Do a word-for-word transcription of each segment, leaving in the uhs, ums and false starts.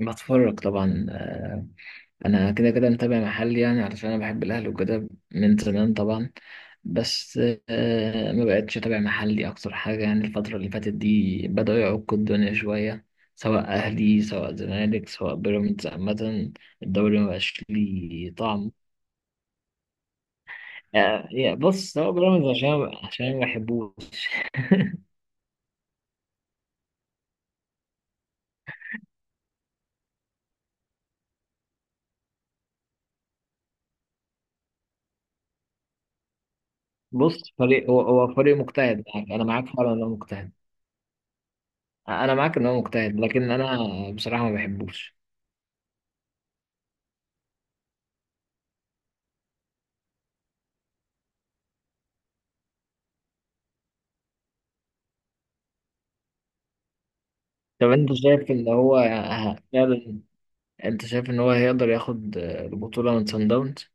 بتفرج طبعا. آه، انا كده كده متابع محلي، يعني علشان انا بحب الاهلي وكده من زمان طبعا. بس آه، ما بقتش اتابع محلي اكتر حاجه، يعني الفتره اللي فاتت دي بدأوا يعكوا الدنيا شويه، سواء اهلي سواء زمالك سواء بيراميدز عامه. الدوري ما بقاش ليه طعم. آه، يا بص، سواء بيراميدز عشان عشان ما بحبوش. بص، فريق هو هو فريق مجتهد، يعني انا معاك فعلا انه مجتهد. انا معاك ان هو مجتهد، لكن انا بصراحه ما بحبوش. طب انت شايف ان هو ه- فعلا انت شايف ان هو هيقدر ياخد آه، البطولة من سان داونز؟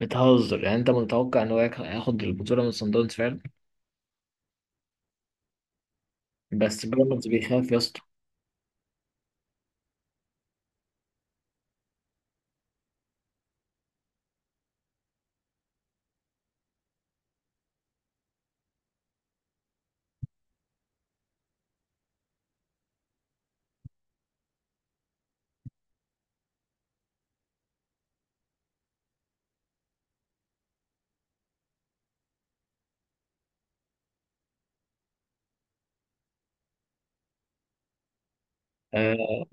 بتهزر؟ يعني انت متوقع ان هو ياخ- هياخد البطولة من سان داونز فعلا؟ بس بيراميدز بيخاف يا اسطى. آه،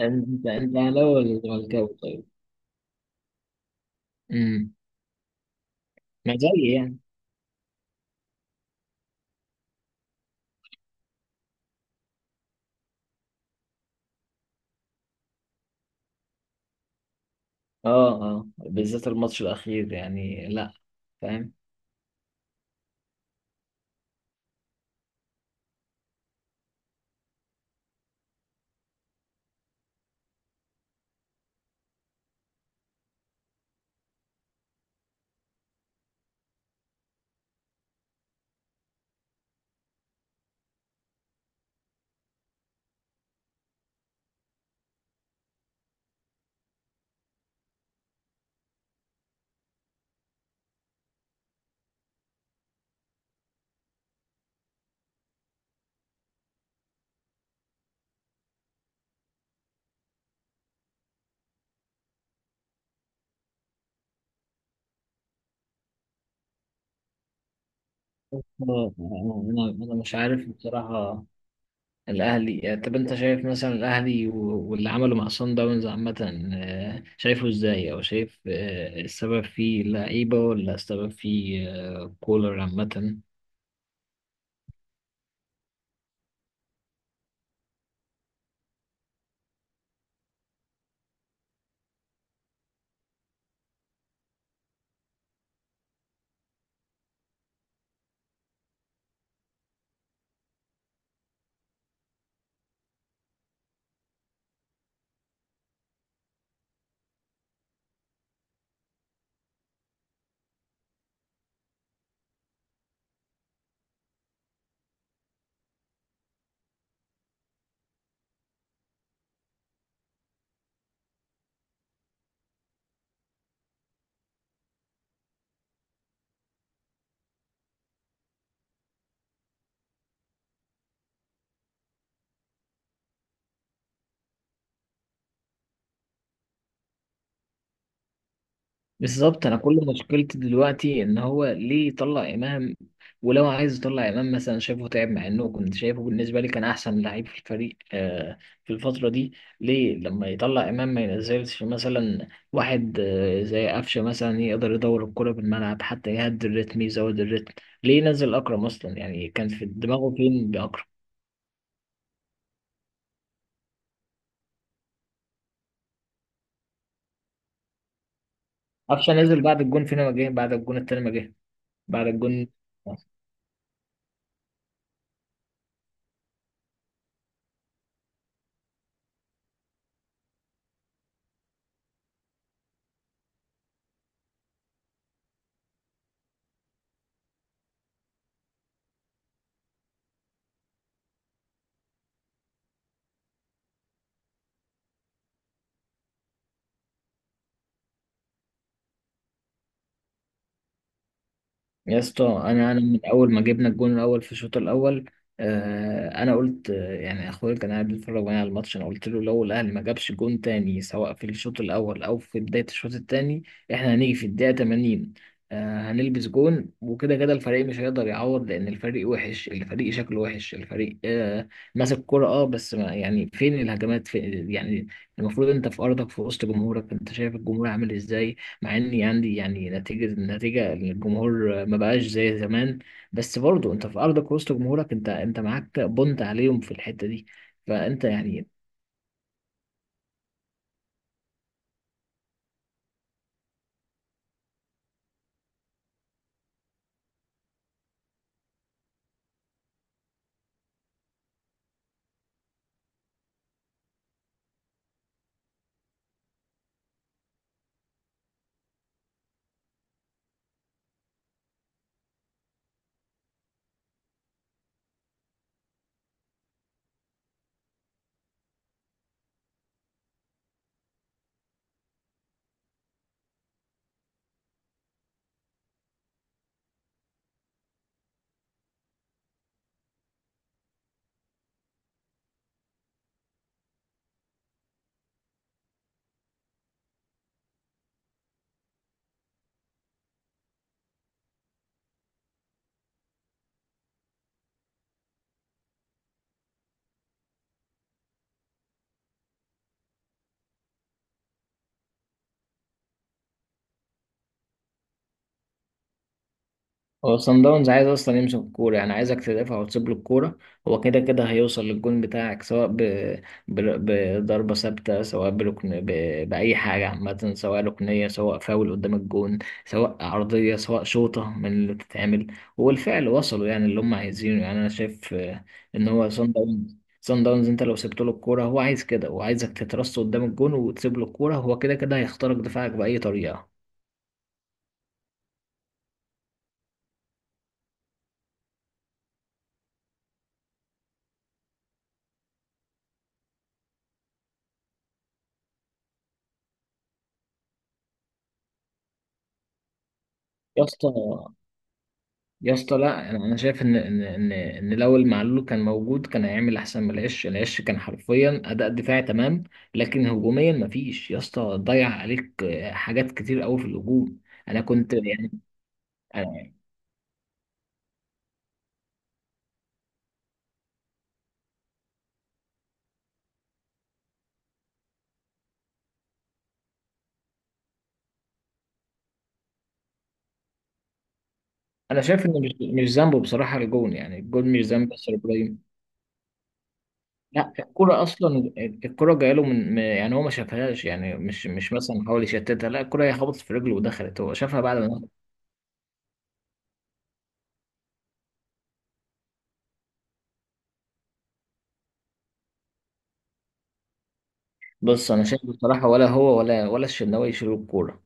انت انت اهلاوي ولا زملكاوي طيب؟ امم، ما زي يعني. اه، اه بالذات الماتش الاخير، يعني لا، فاهم. آه، آه، آه. انا انا مش عارف بصراحة الاهلي. طب انت شايف مثلا الاهلي و- واللي عمله مع صن داونز عامه، آه، شايفه ازاي؟ او شايف آه، السبب فيه لعيبه ولا السبب فيه آه، كولر عامه؟ بالظبط، انا كل مشكلتي دلوقتي ان هو ليه يطلع امام؟ ولو عايز يطلع امام مثلا شايفه تعب، مع انه كنت شايفه بالنسبه لي كان احسن لعيب في الفريق، آه، في الفتره دي. ليه لما يطلع امام ما ينزلش مثلا واحد آه زي قفشه مثلا، يقدر يدور الكره بالملعب، حتى يهدي الريتم يزود الريتم؟ ليه نزل اكرم اصلا؟ يعني كان في دماغه فين باكرم؟ قفشه نزل بعد الجون، فين ما جه؟ بعد الجون التاني ما جه، بعد الجون. يا اسطى، انا انا من اول ما جبنا الجون الاول في الشوط الاول، آه، انا قلت، آه، يعني اخويا كان قاعد بيتفرج معايا على الماتش، انا قلت له لو الاهلي ما جابش جون تاني، سواء في الشوط الاول او في بدايه الشوط التاني، احنا هنيجي في الدقيقه تمانين آه هنلبس جون، وكده كده الفريق مش هيقدر يعوض، لان الفريق وحش، الفريق شكله وحش، الفريق آه ماسك كرة، اه بس ما يعني فين الهجمات فين؟ يعني المفروض انت في ارضك في وسط جمهورك، انت شايف الجمهور عامل ازاي؟ مع اني عندي يعني نتيجه، النتيجه الجمهور ما بقاش زي زمان، بس برضه انت في ارضك وسط جمهورك، انت انت معاك بونت عليهم في الحته دي، فانت يعني. هو صن داونز عايز اصلا يمسك الكوره، يعني عايزك تدافع وتسيب له الكوره، هو كده كده هيوصل للجون بتاعك، سواء ب... ب... بضربه ثابته، سواء بركن، ب... باي حاجه عامه، سواء ركنيه سواء فاول قدام الجون، سواء عرضيه سواء شوطه من اللي بتتعمل. وبالفعل وصلوا يعني اللي هم عايزينه. يعني انا شايف آه، ان هو صن داونز، صن داونز انت لو سبت له الكوره هو عايز كده، هو عايزك تترص قدام الجون وتسيب له الكوره، هو كده كده هيخترق دفاعك باي طريقه. يا اسطى، يا اسطى، لا انا أنا شايف ان ان ان ان لو المعلول كان موجود كان هيعمل احسن من العش. العش كان حرفيا اداء دفاعي تمام، لكن هجوميا مفيش يا اسطى، ضيع عليك آه، حاجات كتير قوي في الهجوم. انا كنت يعني. انا أنا شايف ان مش مش ذنبه بصراحه الجون، يعني الجون مش ذنب ياسر ابراهيم. لا الكرة اصلا، الكرة جايه له من من- يعني هو ما شافهاش، يعني مش مش مثلا حاول يشتتها، لا الكرة هي خبطت في رجله ودخلت، هو شافها بعد ما. بص، انا شايف بصراحه ولا هو ولا ولا الشناوي يشيلوا الكوره.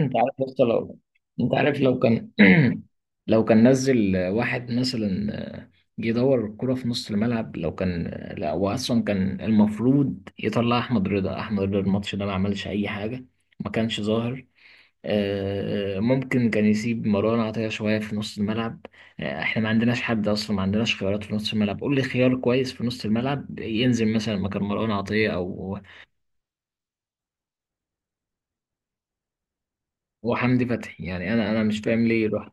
انت عارف يا اسطى لو، انت عارف لو كان لو كان نزل واحد مثلا، آه، جه يدور الكرة في نص الملعب لو كان. لا هو اصلا كان المفروض يطلع احمد رضا، احمد رضا الماتش ده ما عملش اي حاجة، ما كانش ظاهر. آه، آه، ممكن كان يسيب مروان عطية شوية في نص الملعب. آه، احنا ما عندناش حد اصلا، ما عندناش خيارات في نص الملعب. قول لي خيار كويس في نص الملعب ينزل مثلا مكان مروان عطية او أو حمدي فتحي. يعني انا انا مش فاهم ليه يروح.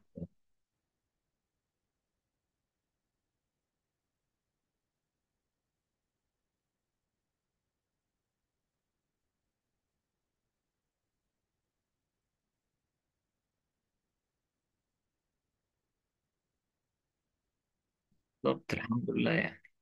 بالظبط، الحمد لله يعني.